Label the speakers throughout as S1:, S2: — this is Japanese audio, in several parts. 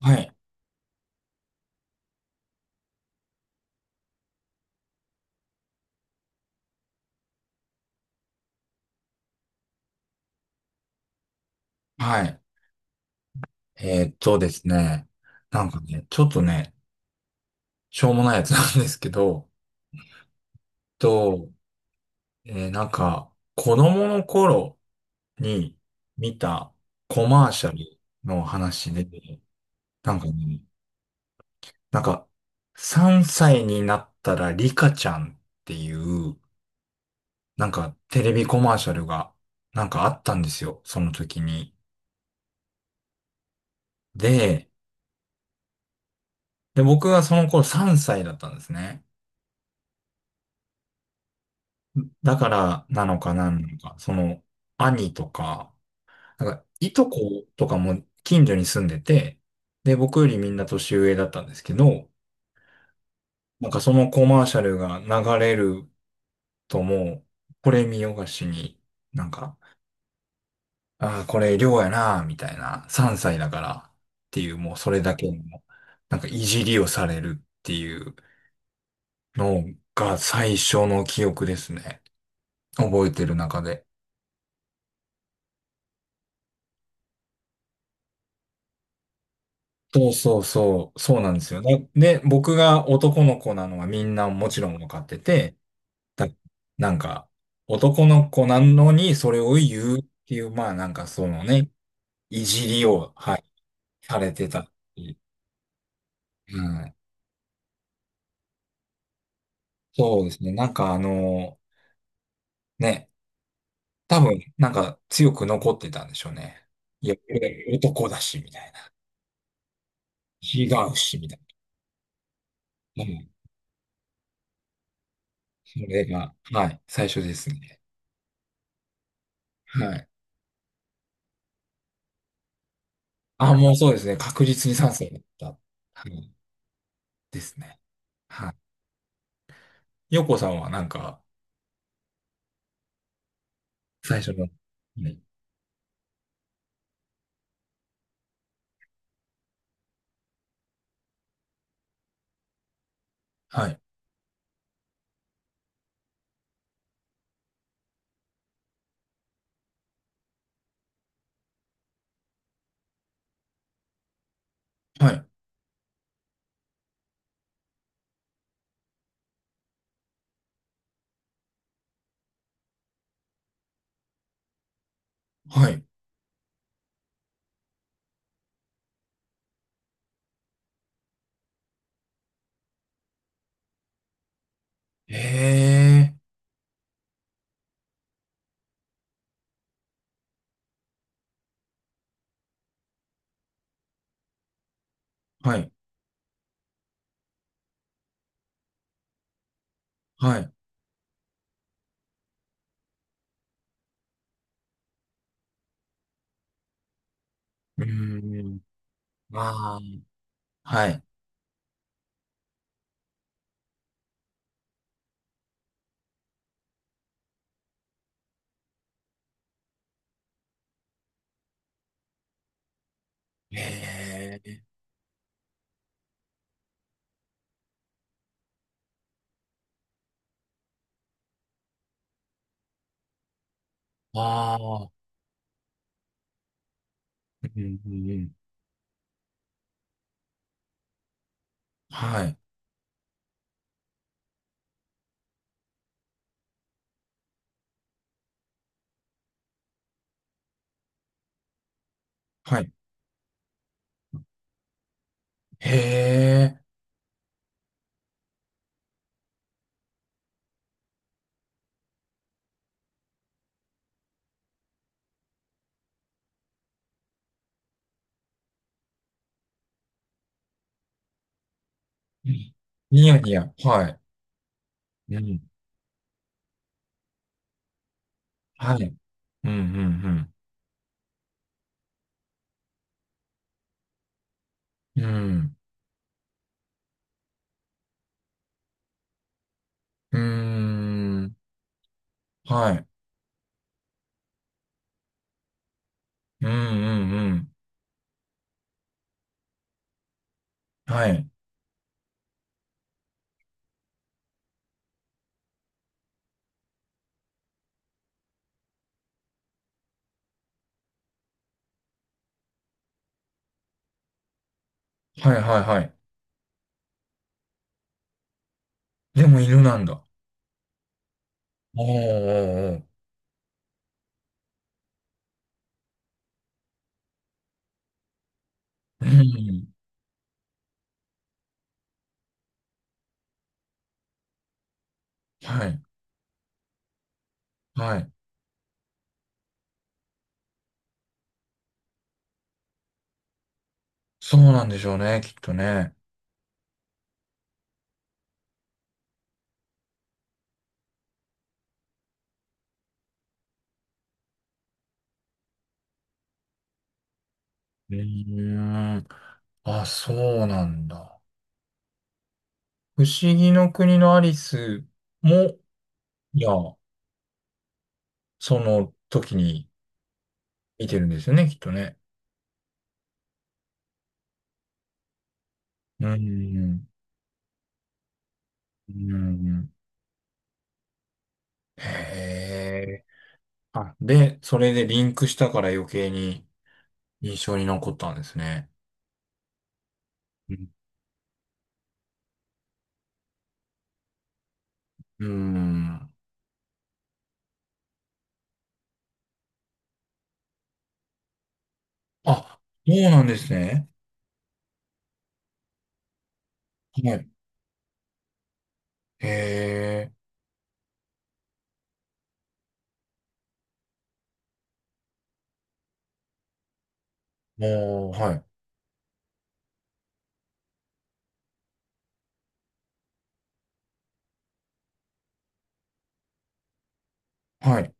S1: はい。はい。ですね。なんかね、ちょっとね、しょうもないやつなん ですけど、と、なんか、子供の頃に見たコマーシャルの話で、なんかね、なんか、3歳になったらリカちゃんっていう、なんかテレビコマーシャルが、なんかあったんですよ。その時に。で、で、僕がその頃3歳だったんですね。だからなのかなんなのか、その、兄とか、なんか、いとことかも近所に住んでて、で、僕よりみんな年上だったんですけど、なんかそのコマーシャルが流れるともう、これ見よがしに、なんか、ああ、これ量やな、みたいな、3歳だからっていう、もうそれだけの、なんかいじりをされるっていうのが最初の記憶ですね。覚えてる中で。そうそうそう、そうなんですよね。で、僕が男の子なのはみんなもちろん分かってて、だなんか、男の子なのにそれを言うっていう、まあなんかそのね、いじりを、はい、されてたり。うん、そうですね。なんかあの、ね、多分なんか強く残ってたんでしょうね。いや、俺男だし、みたいな。違うし、みたいな。うん、それが、はい、最初ですね。はい。あ、もうそうですね。確実に賛成だった。はい。ですね。はい。洋子さんはなんか、最初の。はい。はい。はい。はいええー。はい。はい。うーん。ああ。はい。ええー。ああ。うん、うん、うん。はい。はい。へえ。うんニヤニヤ。はい。うん。はい。うん、うん、うん。うん。うーん。はい。うん、うん、うん。はい。はいはいはい。でも犬なんだ。おーおーおー。うんん。はい。はい。そうなんでしょうね、きっとね。うーん。あ、そうなんだ。不思議の国のアリスも、いや、その時に見てるんですよね、きっとね。うん。うん。へえ。あ、で、それでリンクしたから余計に印象に残ったんですね。うん。うんあ、そうなんですね。はい。へえ。おー、はい。はい。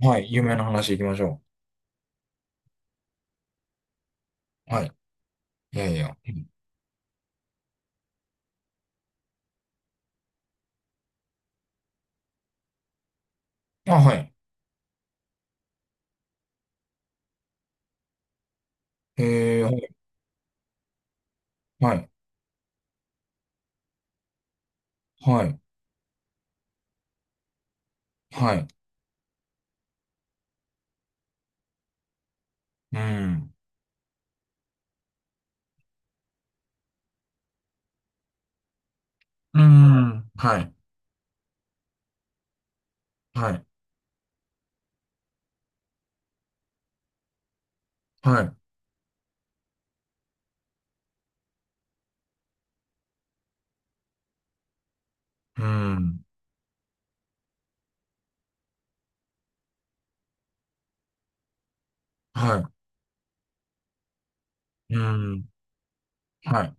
S1: はい。有名な話行きましょう。はい。いやいや。うんあ、はい。へえ、はい。はい。はい。うん。うん。はい。はい。はい。うん。はい。うん。はい。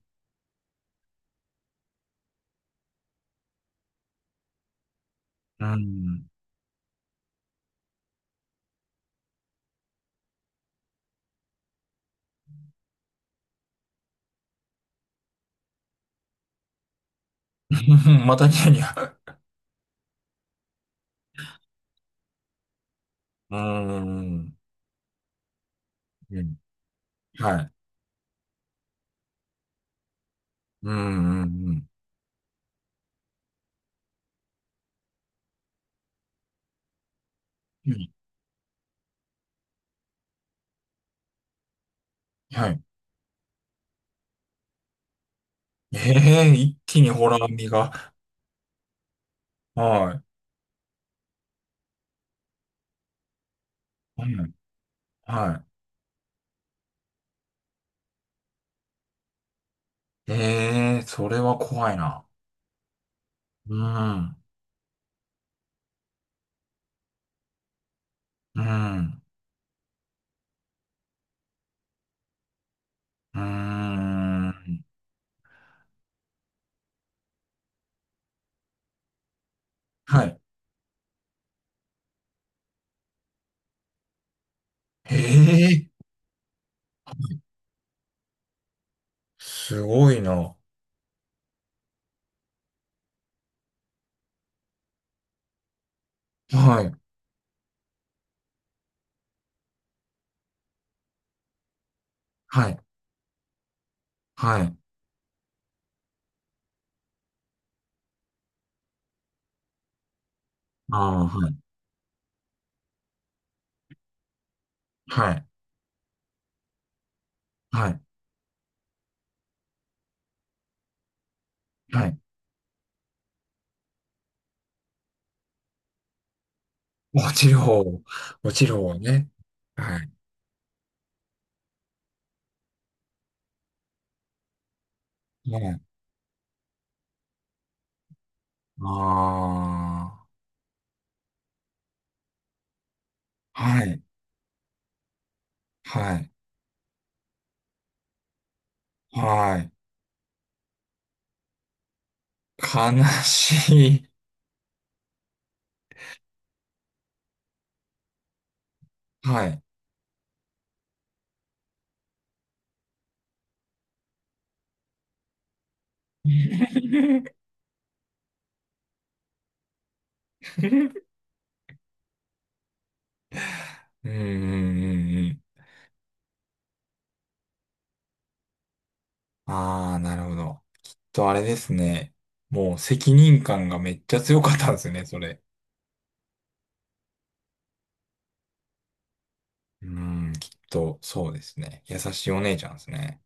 S1: うん。またニヤニヤ。うん。うん。はい。うん。うん。うん。うんはいうんうんうんはいええ、一気にホラー味が。はい。はい。はい。ええ、それは怖いな。うん、うん、うん。はい。へえ、すごいな。はい、はい、はい。ああ、はい、はい、はい、はい。落ちる方、落ちる方ね。はい、ね。ああ、はい、はい、はい。悲しい。はい。うん、うん、うん、ああ、なるほど。きっとあれですね。もう責任感がめっちゃ強かったんですね、それ。うーん、きっとそうですね。優しいお姉ちゃんですね。